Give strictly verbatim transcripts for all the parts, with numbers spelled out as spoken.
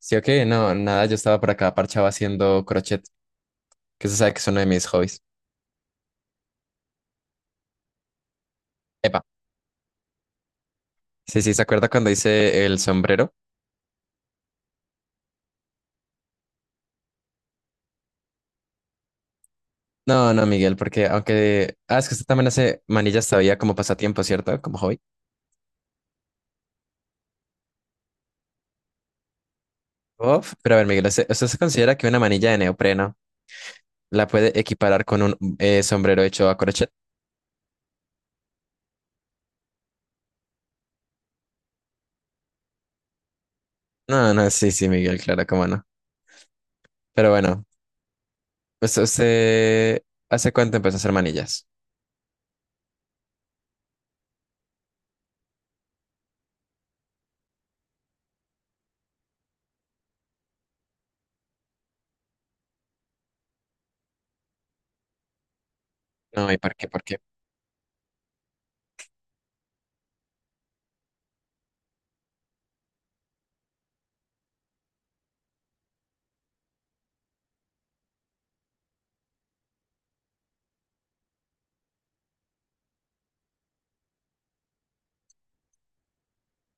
Sí, o qué, no, nada, yo estaba por acá parchado haciendo crochet, que se sabe que es uno de mis hobbies. Epa, sí, sí, ¿se acuerda cuando hice el sombrero? No, no, Miguel, porque aunque... Ah, es que usted también hace manillas todavía como pasatiempo, ¿cierto? Como hobby. Uf, pero a ver, Miguel, ¿usted, usted se considera que una manilla de neopreno la puede equiparar con un eh, sombrero hecho a crochet? No, no, sí, sí, Miguel, claro, cómo no. Pero bueno, pues usted... ¿Hace cuánto empezó a hacer manillas? No, ¿y por qué? ¿Por qué?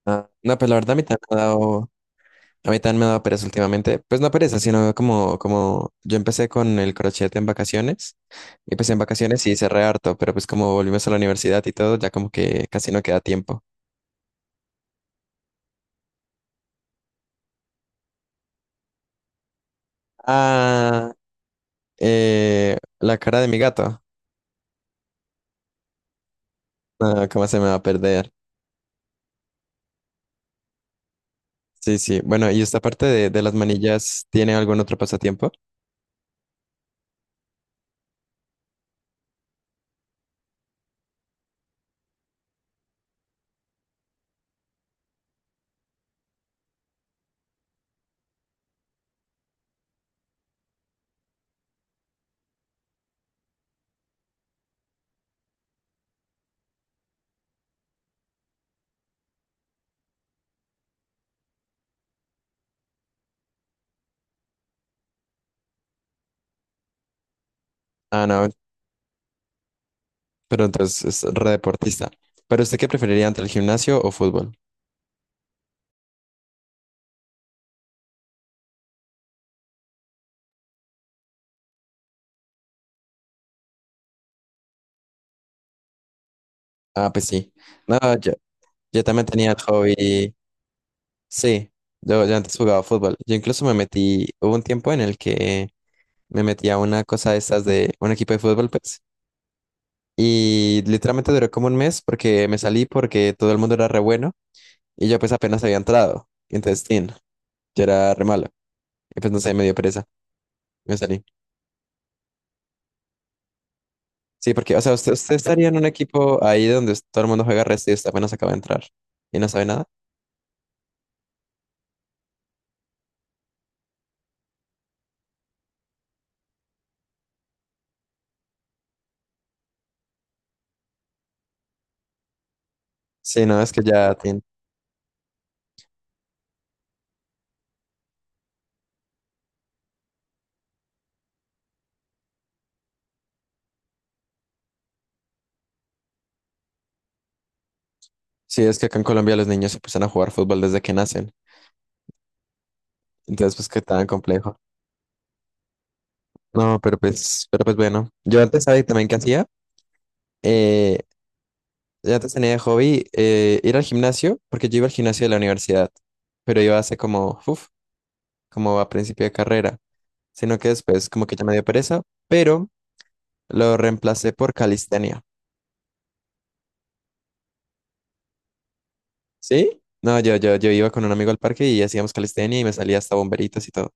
Ah, no, pues la verdad a mí también me ha dado... A mí también me daba pereza últimamente. Pues no pereza, sino como, como yo empecé con el crochet en vacaciones. Y pues en vacaciones sí cerré harto, pero pues como volvimos a la universidad y todo, ya como que casi no queda tiempo. Ah, eh, la cara de mi gato. Ah, ¿cómo se me va a perder? Sí, sí. Bueno, y esta parte de, de las manillas, ¿tiene algún otro pasatiempo? Ah, no, pero entonces es re deportista. ¿Pero usted qué preferiría entre el gimnasio o fútbol? Ah, pues sí. No, yo, yo también tenía el hobby. Sí, yo, yo antes jugaba fútbol. Yo incluso me metí, hubo un tiempo en el que me metí a una cosa de estas de un equipo de fútbol, pues, y literalmente duró como un mes porque me salí porque todo el mundo era re bueno y yo pues apenas había entrado. Y entonces, tin, yo era re malo. Y pues no sé, me dio pereza. Me salí. Sí, porque, o sea, usted, usted estaría en un equipo ahí donde todo el mundo juega resto y usted apenas acaba de entrar y no sabe nada. Sí, no, es que ya, tin. Sí, es que acá en Colombia los niños se empiezan a jugar fútbol desde que nacen. Entonces, pues qué tan complejo. No, pero pues, pero pues bueno, yo antes, ¿sabes también qué hacía? Eh, yo antes tenía de hobby eh, ir al gimnasio, porque yo iba al gimnasio de la universidad, pero iba hace como, uf, como a principio de carrera, sino que después como que ya me dio pereza, pero lo reemplacé por calistenia, ¿sí? No, yo, yo, yo iba con un amigo al parque y hacíamos calistenia y me salía hasta bomberitos y todo.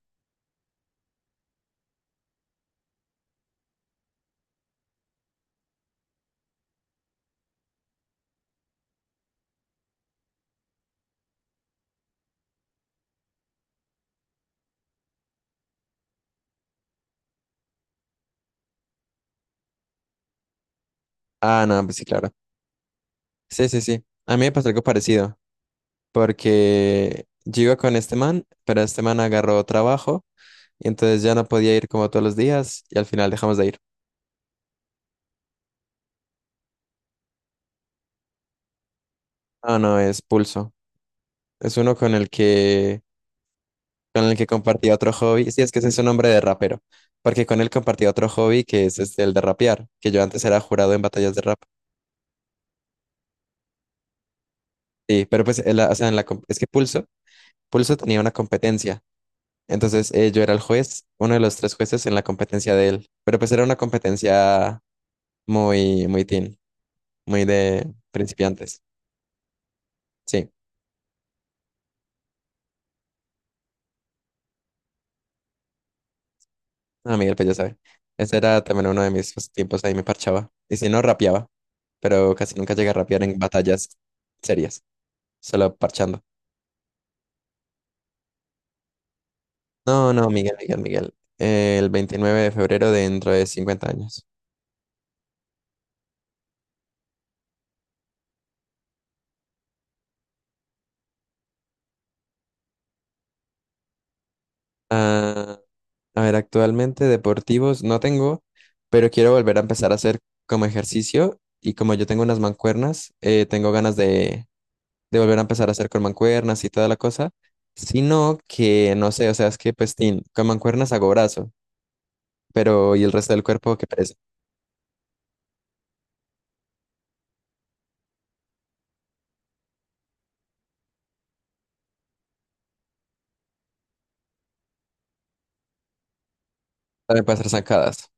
Ah, no, pues sí, claro. Sí, sí, sí. A mí me pasó algo parecido, porque yo iba con este man, pero este man agarró trabajo. Y entonces ya no podía ir como todos los días y al final dejamos de ir. Ah, no, es Pulso. Es uno con el que, con el que compartía otro hobby. Sí, es que ese es su nombre de rapero. Porque con él compartía otro hobby que es este, el de rapear, que yo antes era jurado en batallas de rap. Sí, pero pues, en la- o sea, en la, com- es que Pulso, Pulso tenía una competencia. Entonces eh, yo era el juez, uno de los tres jueces en la competencia de él. Pero pues era una competencia muy, muy teen, muy de principiantes. Sí. Ah, Miguel, pues ya sabe. Ese era también uno de mis tiempos, ahí me parchaba. Y si no, rapeaba. Pero casi nunca llegué a rapear en batallas serias, solo parchando. No, no, Miguel, Miguel, Miguel. El veintinueve de febrero de dentro de cincuenta años. Ah, a ver, actualmente deportivos no tengo, pero quiero volver a empezar a hacer como ejercicio y como yo tengo unas mancuernas, eh, tengo ganas de, de volver a empezar a hacer con mancuernas y toda la cosa, sino que no sé, o sea, es que pues tin, con mancuernas hago brazo pero y el resto del cuerpo, qué pereza. También puede hacer zancadas.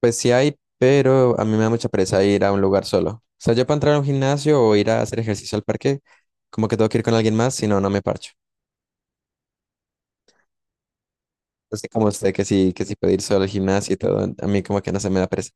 Pues sí hay, pero a mí me da mucha pereza ir a un lugar solo. O sea, yo para entrar a un gimnasio o ir a hacer ejercicio al parque, como que tengo que ir con alguien más, si no, no me parcho. Así como usted que sí, que sí puede ir solo al gimnasio y todo, a mí como que no se me da pereza.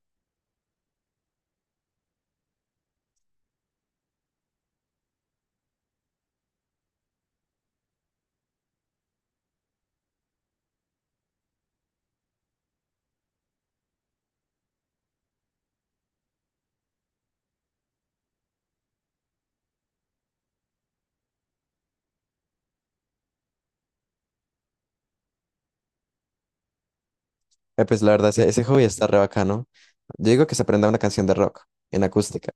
Eh, pues la verdad, ese, ese hobby está re bacano. Yo digo que se aprenda una canción de rock en acústica.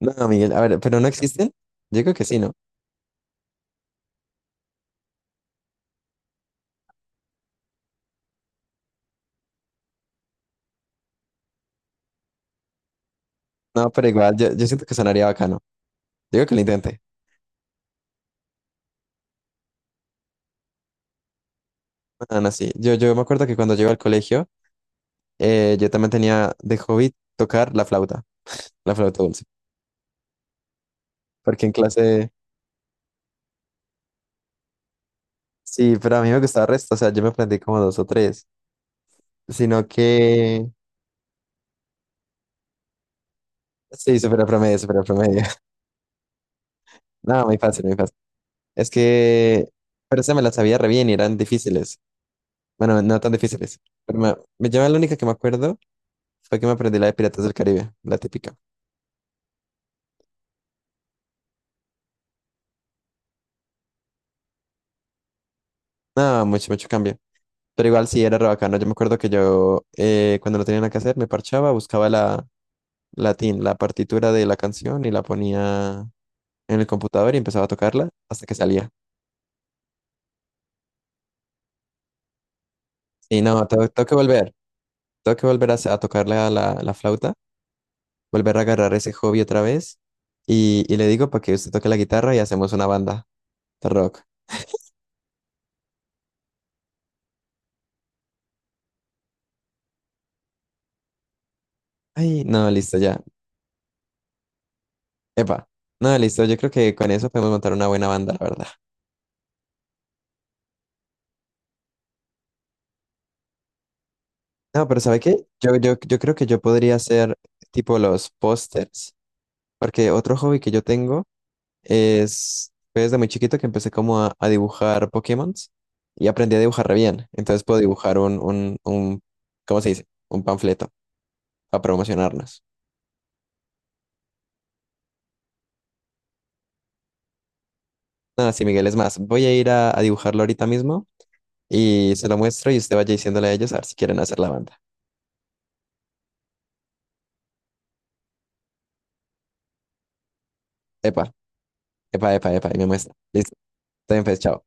No, Miguel, a ver, ¿pero no existen? Yo digo que sí, ¿no? No, pero igual, yo, yo siento que sonaría bacano. Yo digo que lo intente. Ah, no, no, sí. Yo, yo me acuerdo que cuando llego al colegio, Eh, yo también tenía de hobby tocar la flauta, la flauta dulce, porque en clase, sí, pero a mí me gustaba el resto, o sea, yo me aprendí como dos o tres, sino que, sí, super promedio, super promedio. No, muy fácil, muy fácil. Es que, pero se me las sabía re bien y eran difíciles. Bueno, no tan difíciles, pero me, me- yo la única que me acuerdo fue que me aprendí la de Piratas del Caribe, la típica. No, mucho, mucho cambio. Pero igual sí era re bacano. Yo me acuerdo que yo, eh, cuando no tenía nada que hacer, me parchaba, buscaba la, latín, la partitura de la canción y la ponía en el computador y empezaba a tocarla hasta que salía. Y no, tengo, tengo que volver, tengo que volver a, sa- a tocarle a la, la flauta, volver a agarrar ese hobby otra vez y, y le digo para que usted toque la guitarra y hacemos una banda de rock. Ay, no, listo, ya. Epa, no, listo, yo creo que con eso podemos montar una buena banda, la verdad. No, pero ¿sabe qué? Yo, yo, yo creo que yo podría hacer tipo los pósters, porque otro hobby que yo tengo es, fue desde muy chiquito que empecé como a, a dibujar Pokémon y aprendí a dibujar re bien. Entonces puedo dibujar un, un, un, ¿cómo se dice? Un panfleto para promocionarnos. Nada, sí, Miguel, es más, voy a ir a, a dibujarlo ahorita mismo y se lo muestro y usted vaya diciéndole a ellos a ver si quieren hacer la banda. Epa, epa, epa, epa, y me muestra. Listo, está bien, pues, chao.